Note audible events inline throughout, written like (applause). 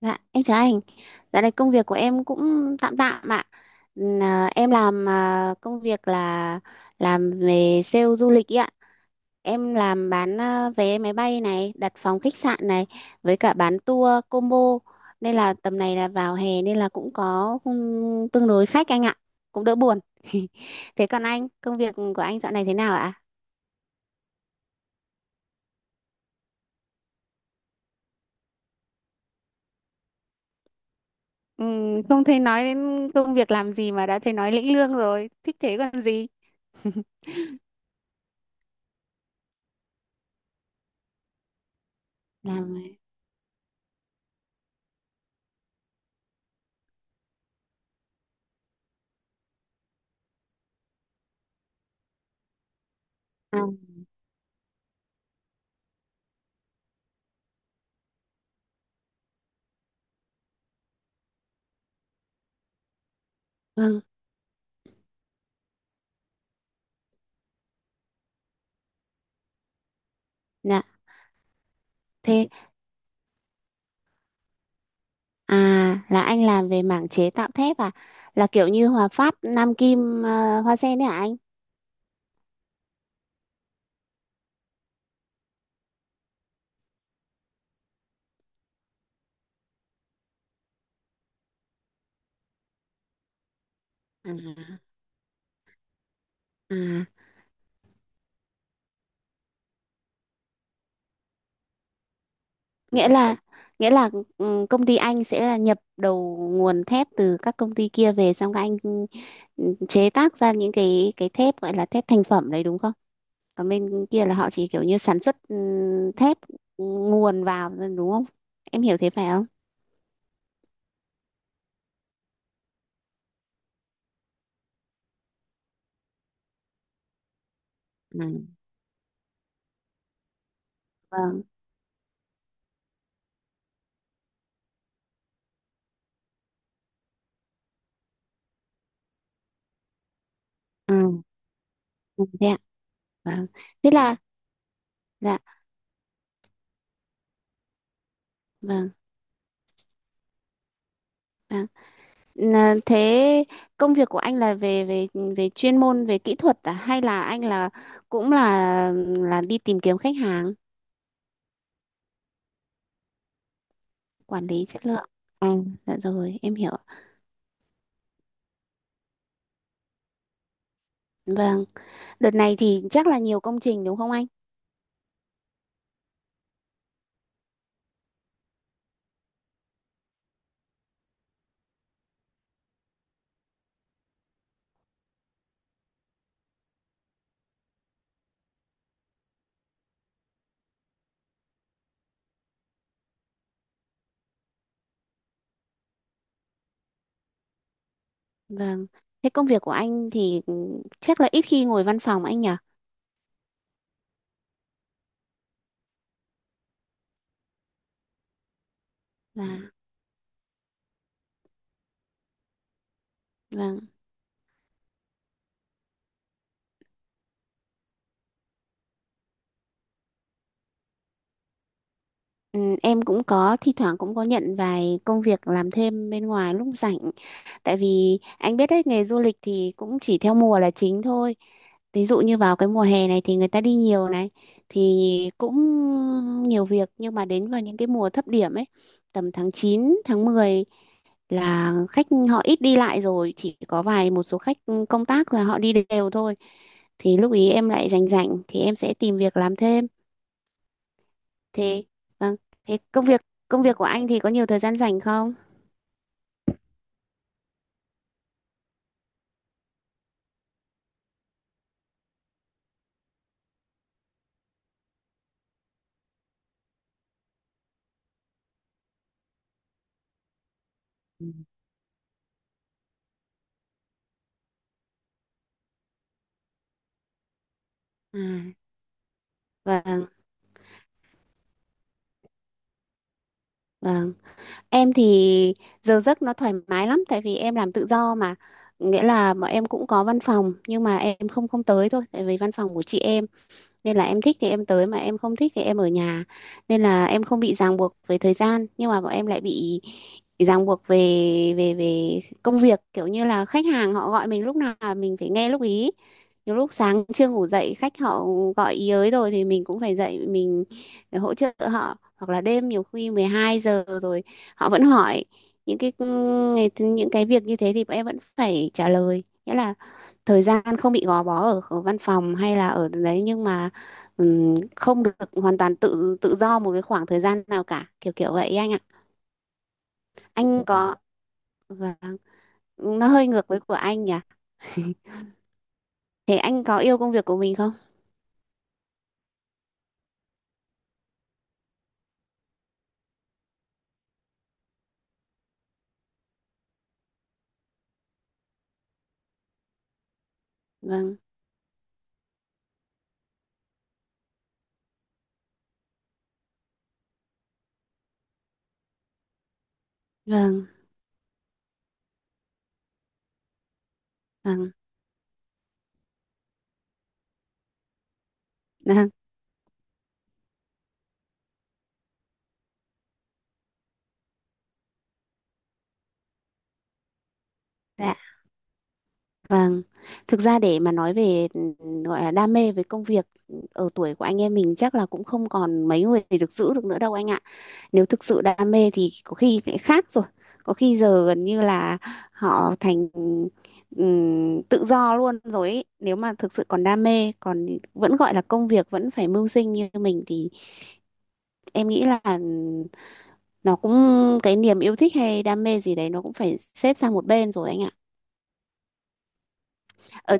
Dạ, em chào anh. Dạo này công việc của em cũng tạm tạm ạ. Là em làm à, Công việc là làm về sale du lịch ý ạ. Em làm bán vé máy bay này, đặt phòng khách sạn này với cả bán tour combo. Nên là tầm này là vào hè nên là cũng có tương đối khách anh ạ. Cũng đỡ buồn. (laughs) Thế còn anh, công việc của anh dạo này thế nào ạ? Không thấy nói đến công việc làm gì mà đã thấy nói lĩnh lương rồi. Thích thế còn gì. (laughs) Làm à, Vâng, dạ. Thế à, là anh làm về mảng chế tạo thép à? Là kiểu như Hòa Phát, Nam Kim, Hoa Sen đấy hả anh? À, à. Nghĩa là nghĩa là công ty anh sẽ là nhập đầu nguồn thép từ các công ty kia về, xong các anh chế tác ra những cái thép gọi là thép thành phẩm đấy đúng không? Còn bên kia là họ chỉ kiểu như sản xuất thép nguồn vào thôi, đúng không? Em hiểu thế phải không? Ừ. Vâng. Ừ. Ừ, thế ạ. Vâng. Thế là. Dạ, vâng, vâng. Là thế công việc của anh là về về về chuyên môn về kỹ thuật à, hay là anh là cũng là đi tìm kiếm khách hàng, quản lý chất lượng? À, dạ rồi, em hiểu. Vâng, đợt này thì chắc là nhiều công trình đúng không anh? Vâng. Thế công việc của anh thì chắc là ít khi ngồi văn phòng anh nhỉ? Và vâng. Ừ, em cũng có thi thoảng cũng có nhận vài công việc làm thêm bên ngoài lúc rảnh. Tại vì anh biết đấy, nghề du lịch thì cũng chỉ theo mùa là chính thôi. Ví dụ như vào cái mùa hè này thì người ta đi nhiều này thì cũng nhiều việc, nhưng mà đến vào những cái mùa thấp điểm ấy, tầm tháng 9 tháng 10 là khách họ ít đi lại rồi, chỉ có vài một số khách công tác là họ đi đều thôi, thì lúc ý em lại rảnh rảnh thì em sẽ tìm việc làm thêm. Thế, vâng, thế công việc của anh thì có nhiều thời gian rảnh không? Ừ. À, vâng, vâng. Em thì giờ giấc nó thoải mái lắm, tại vì em làm tự do mà, nghĩa là bọn em cũng có văn phòng nhưng mà em không không tới thôi, tại vì văn phòng của chị em, nên là em thích thì em tới mà em không thích thì em ở nhà, nên là em không bị ràng buộc với thời gian, nhưng mà bọn em lại bị ràng buộc về về về công việc, kiểu như là khách hàng họ gọi mình lúc nào mình phải nghe lúc ý. Nhiều lúc sáng chưa ngủ dậy khách họ gọi ý ới rồi thì mình cũng phải dậy mình để hỗ trợ họ, hoặc là đêm nhiều khi 12 giờ rồi họ vẫn hỏi những cái việc như thế thì bọn em vẫn phải trả lời, nghĩa là thời gian không bị gò bó ở, ở văn phòng hay là ở đấy, nhưng mà không được hoàn toàn tự tự do một cái khoảng thời gian nào cả, kiểu kiểu vậy ấy anh ạ. Anh có Vâng, nó hơi ngược với của anh nhỉ. Thế anh có yêu công việc của mình không? Vâng, vâng, vâng, vâng. Dạ. Vâng. Thực ra để mà nói về gọi là đam mê với công việc, ở tuổi của anh em mình chắc là cũng không còn mấy người được giữ được nữa đâu anh ạ. Nếu thực sự đam mê thì có khi lại khác rồi, có khi giờ gần như là họ thành tự do luôn rồi ấy. Nếu mà thực sự còn đam mê, còn vẫn gọi là công việc vẫn phải mưu sinh như mình thì em nghĩ là nó cũng, cái niềm yêu thích hay đam mê gì đấy nó cũng phải xếp sang một bên rồi anh ạ. ờ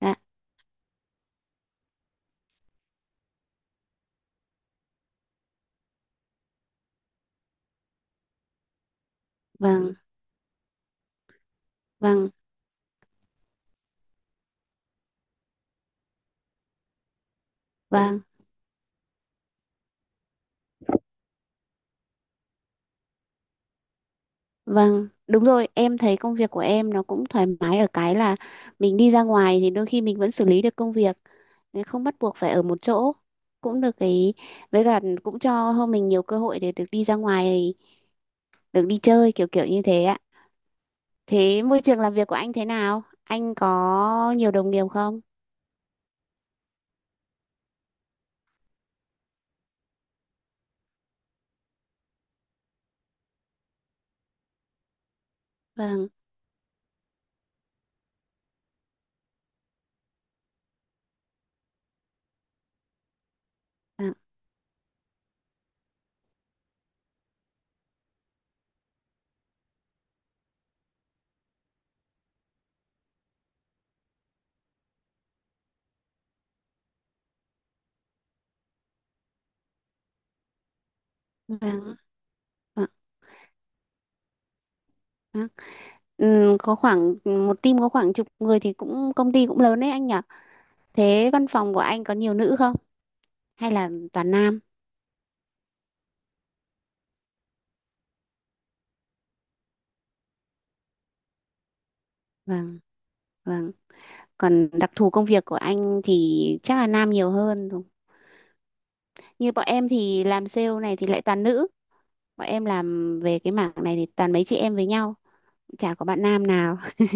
dạ, vâng, vâng, vâng. Vâng đúng rồi, em thấy công việc của em nó cũng thoải mái ở cái là mình đi ra ngoài thì đôi khi mình vẫn xử lý được công việc. Nên không bắt buộc phải ở một chỗ, cũng được cái với cả cũng cho hơn mình nhiều cơ hội để được đi ra ngoài, được đi chơi, kiểu kiểu như thế ạ. Thế môi trường làm việc của anh thế nào, anh có nhiều đồng nghiệp không? Vâng, vâng, vâng, vâng, vâng. Ừ, có khoảng một team có khoảng chục người thì cũng, công ty cũng lớn đấy anh nhỉ. Thế văn phòng của anh có nhiều nữ không hay là toàn nam? Vâng. Vâng. Còn đặc thù công việc của anh thì chắc là nam nhiều hơn. Như bọn em thì làm sale này thì lại toàn nữ. Bọn em làm về cái mảng này thì toàn mấy chị em với nhau, chả có bạn nam nào. (laughs)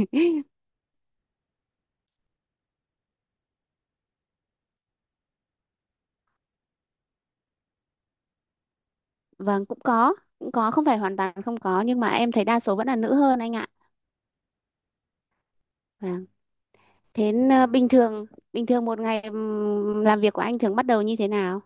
Vâng, cũng có, không phải hoàn toàn không có nhưng mà em thấy đa số vẫn là nữ hơn anh ạ. Vâng. Thế bình thường, một ngày làm việc của anh thường bắt đầu như thế nào?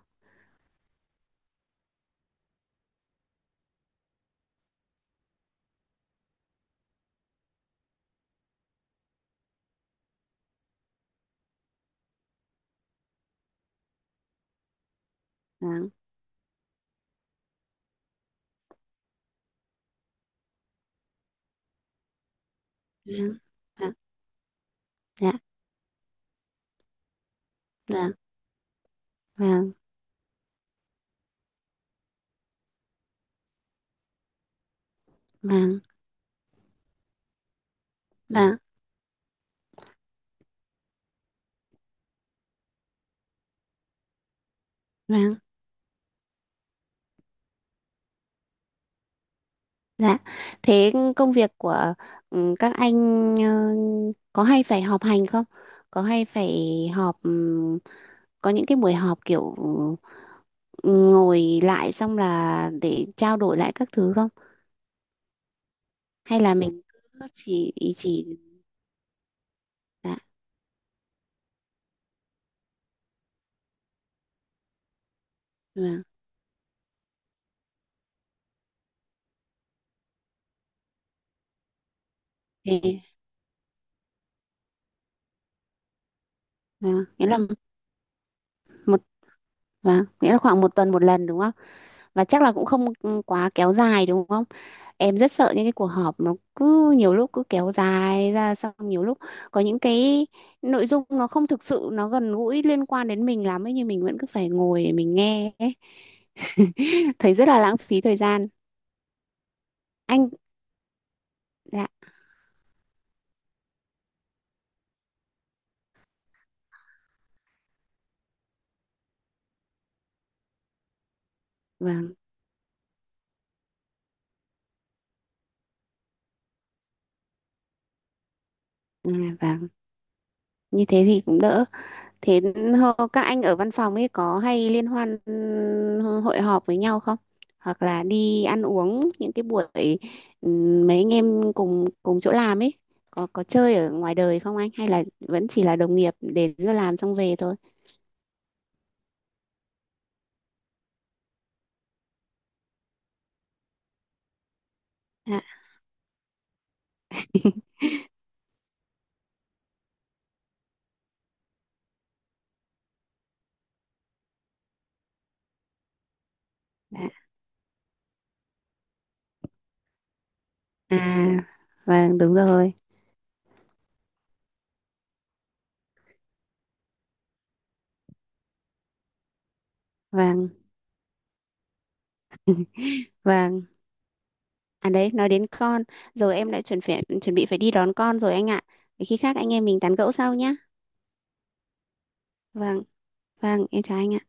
Vâng. Vâng. Vâng. Dạ. Vâng. Vâng. Vâng. Vâng. Vâng. Dạ, thế công việc của các anh ờ, có hay phải họp hành không? Có hay phải họp, có những cái buổi họp kiểu ừ, ngồi lại xong là để trao đổi lại các thứ không? Hay là mình cứ chỉ dạ, vâng. Thế vâng, nghĩa là một vâng, nghĩa là khoảng một tuần một lần đúng không? Và chắc là cũng không quá kéo dài đúng không? Em rất sợ những cái cuộc họp nó cứ nhiều lúc cứ kéo dài ra, xong nhiều lúc có những cái nội dung nó không thực sự nó gần gũi liên quan đến mình lắm ấy, nhưng mình vẫn cứ phải ngồi để mình nghe ấy. (laughs) Thấy rất là lãng phí thời gian. Anh dạ, vâng, à, vâng, như thế thì cũng đỡ. Thế các anh ở văn phòng ấy có hay liên hoan, hội họp với nhau không? Hoặc là đi ăn uống những cái buổi, mấy anh em cùng cùng chỗ làm ấy, có chơi ở ngoài đời không anh, hay là vẫn chỉ là đồng nghiệp đến giờ làm xong về thôi? Dạ, dạ. À, vâng đúng rồi. Vâng, vâng. À đấy, nói đến con, giờ em lại chuẩn bị phải đi đón con rồi anh ạ. Để khi khác anh em mình tán gẫu sau nhá. Vâng, vâng, em chào anh ạ.